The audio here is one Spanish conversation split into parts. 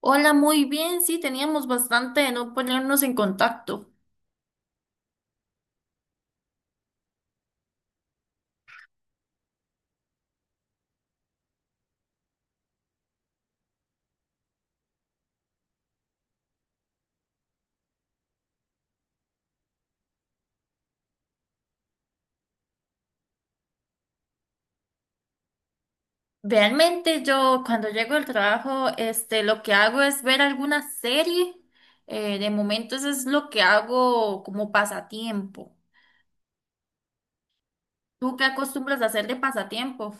Hola, muy bien, sí, teníamos bastante de no ponernos en contacto. Realmente yo cuando llego al trabajo, lo que hago es ver alguna serie. De momento eso es lo que hago como pasatiempo. ¿Tú qué acostumbras a hacer de pasatiempo?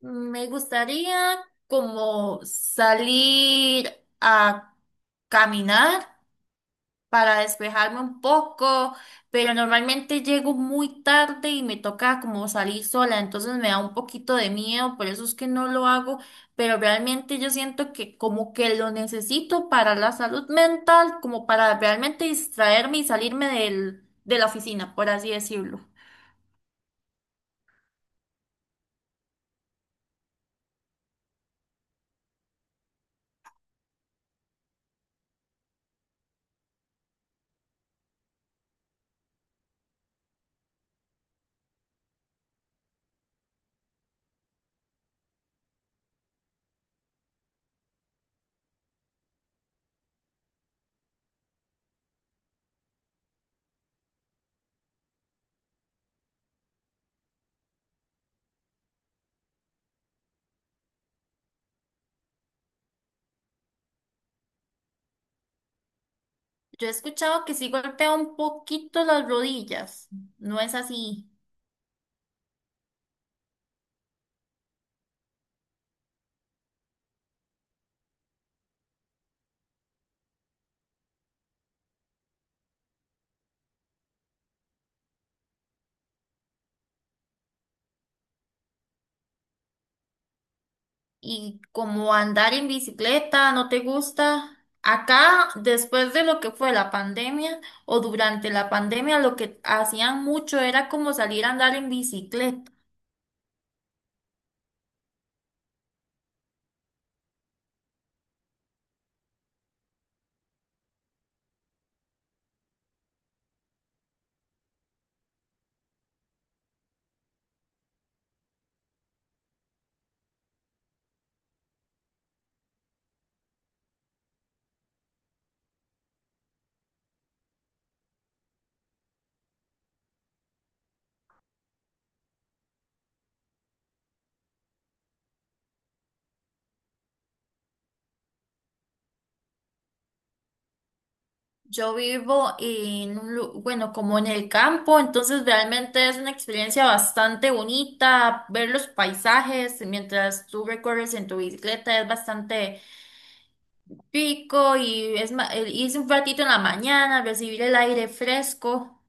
Me gustaría como salir a caminar para despejarme un poco, pero normalmente llego muy tarde y me toca como salir sola, entonces me da un poquito de miedo, por eso es que no lo hago, pero realmente yo siento que como que lo necesito para la salud mental, como para realmente distraerme y salirme de la oficina, por así decirlo. Yo he escuchado que sí golpea un poquito las rodillas, ¿no es así? Y como andar en bicicleta no te gusta, acá después de lo que fue la pandemia o durante la pandemia, lo que hacían mucho era como salir a andar en bicicleta. Yo vivo en un, bueno, como en el campo, entonces realmente es una experiencia bastante bonita ver los paisajes mientras tú recorres en tu bicicleta, es bastante pico y es el irse un ratito en la mañana, recibir el aire fresco.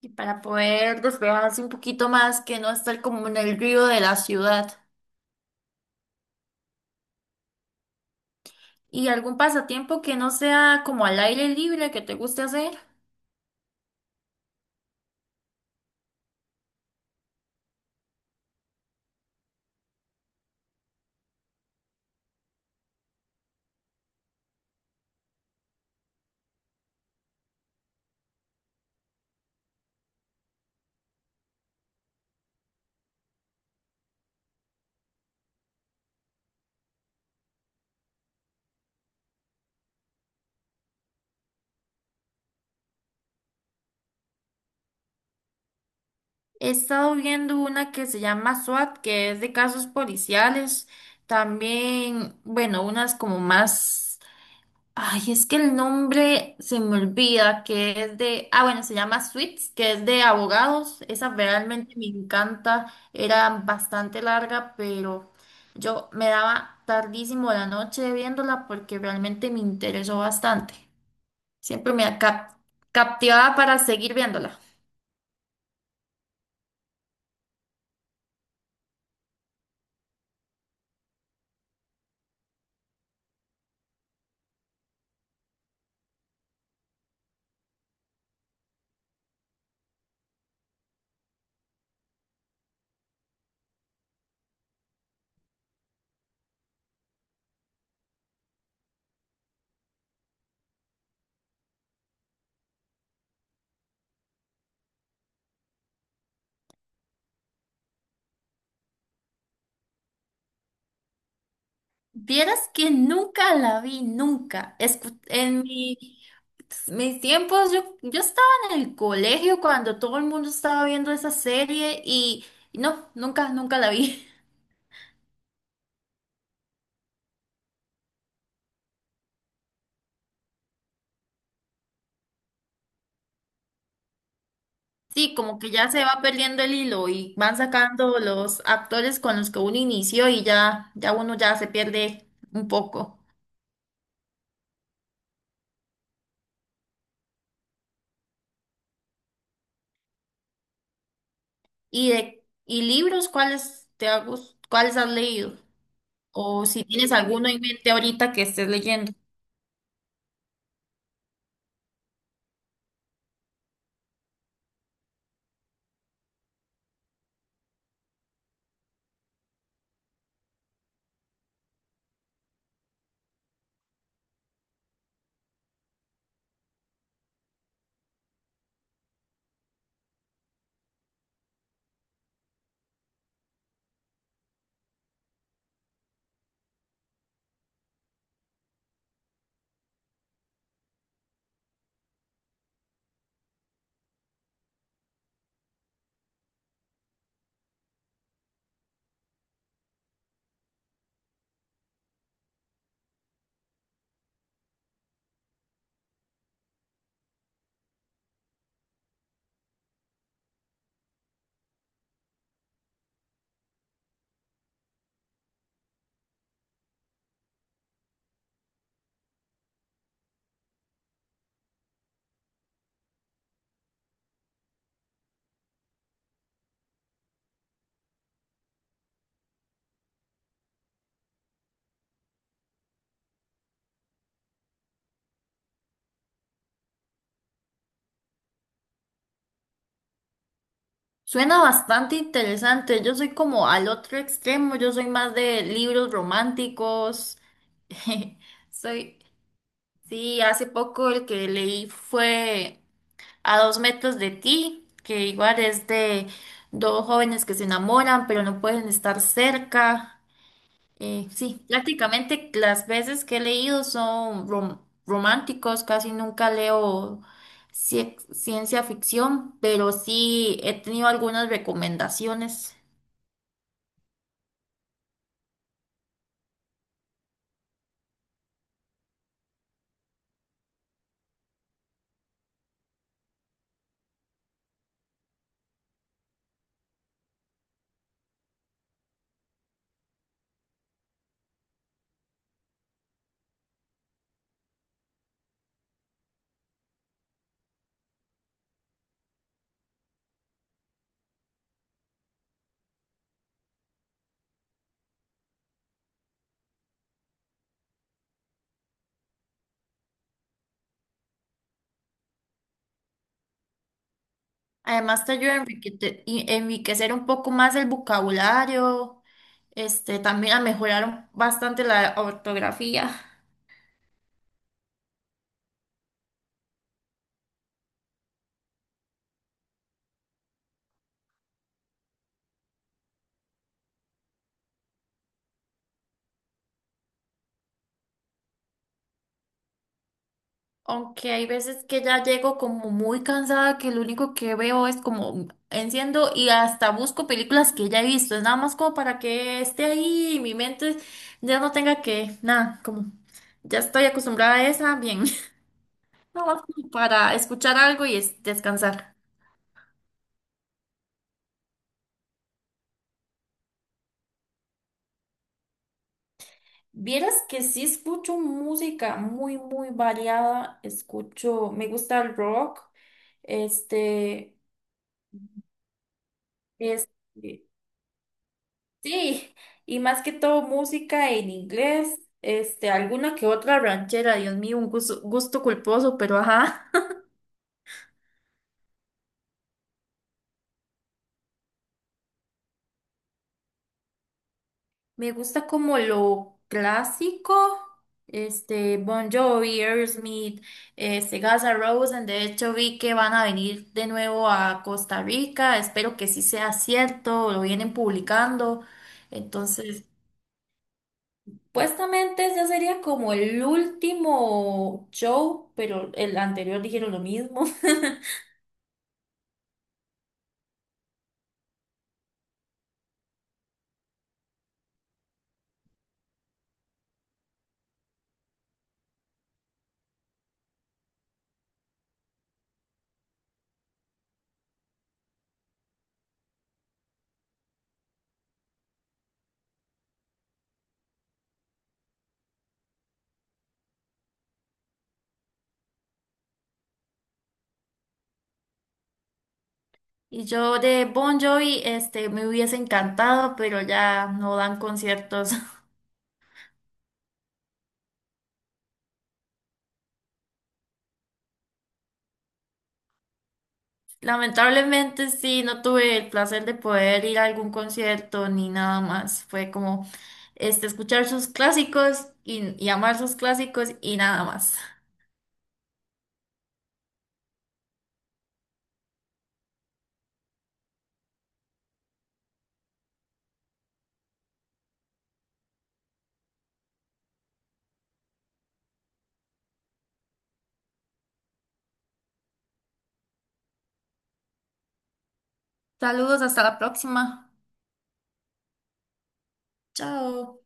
Y para poder despejarse un poquito más, que no estar como en el río de la ciudad. ¿Y algún pasatiempo que no sea como al aire libre que te guste hacer? He estado viendo una que se llama SWAT, que es de casos policiales. También, bueno, unas como más. Ay, es que el nombre se me olvida, que es de, ah, bueno, se llama Suits, que es de abogados. Esa realmente me encanta. Era bastante larga, pero yo me daba tardísimo la noche viéndola porque realmente me interesó bastante. Siempre me captivaba para seguir viéndola. Vieras que nunca la vi, nunca. En mi, mis tiempos, yo estaba en el colegio cuando todo el mundo estaba viendo esa serie y no, nunca, nunca la vi. Sí, como que ya se va perdiendo el hilo y van sacando los actores con los que uno inició y ya, ya uno ya se pierde un poco. ¿Y de, y libros, cuáles cuáles has leído? O si tienes alguno en mente ahorita que estés leyendo. Suena bastante interesante. Yo soy como al otro extremo. Yo soy más de libros románticos. Soy, sí, hace poco el que leí fue A dos metros de ti, que igual es de dos jóvenes que se enamoran, pero no pueden estar cerca. Sí, prácticamente las veces que he leído son románticos, casi nunca leo ciencia ficción, pero sí he tenido algunas recomendaciones. Además te ayuda a enriquecer un poco más el vocabulario, también a mejorar bastante la ortografía. Aunque hay veces que ya llego como muy cansada, que lo único que veo es como enciendo y hasta busco películas que ya he visto. Es nada más como para que esté ahí y mi mente ya no tenga que, nada, como ya estoy acostumbrada a esa, bien. Nada más como para escuchar algo y descansar. Vieras que sí escucho música muy, muy variada. Escucho, me gusta el rock, este, este. Sí, y más que todo música en inglés, alguna que otra ranchera, Dios mío, un gusto, gusto culposo, pero ajá. Me gusta como lo clásico, Bon Jovi, Aerosmith, Guns N' Roses, de hecho vi que van a venir de nuevo a Costa Rica, espero que sí sea cierto, lo vienen publicando, entonces... Supuestamente ya sería como el último show, pero el anterior dijeron lo mismo. Y yo de Bon Jovi, me hubiese encantado, pero ya no dan conciertos. Lamentablemente sí, no tuve el placer de poder ir a algún concierto ni nada más. Fue como, escuchar sus clásicos y amar sus clásicos y nada más. Saludos, hasta la próxima. Chao.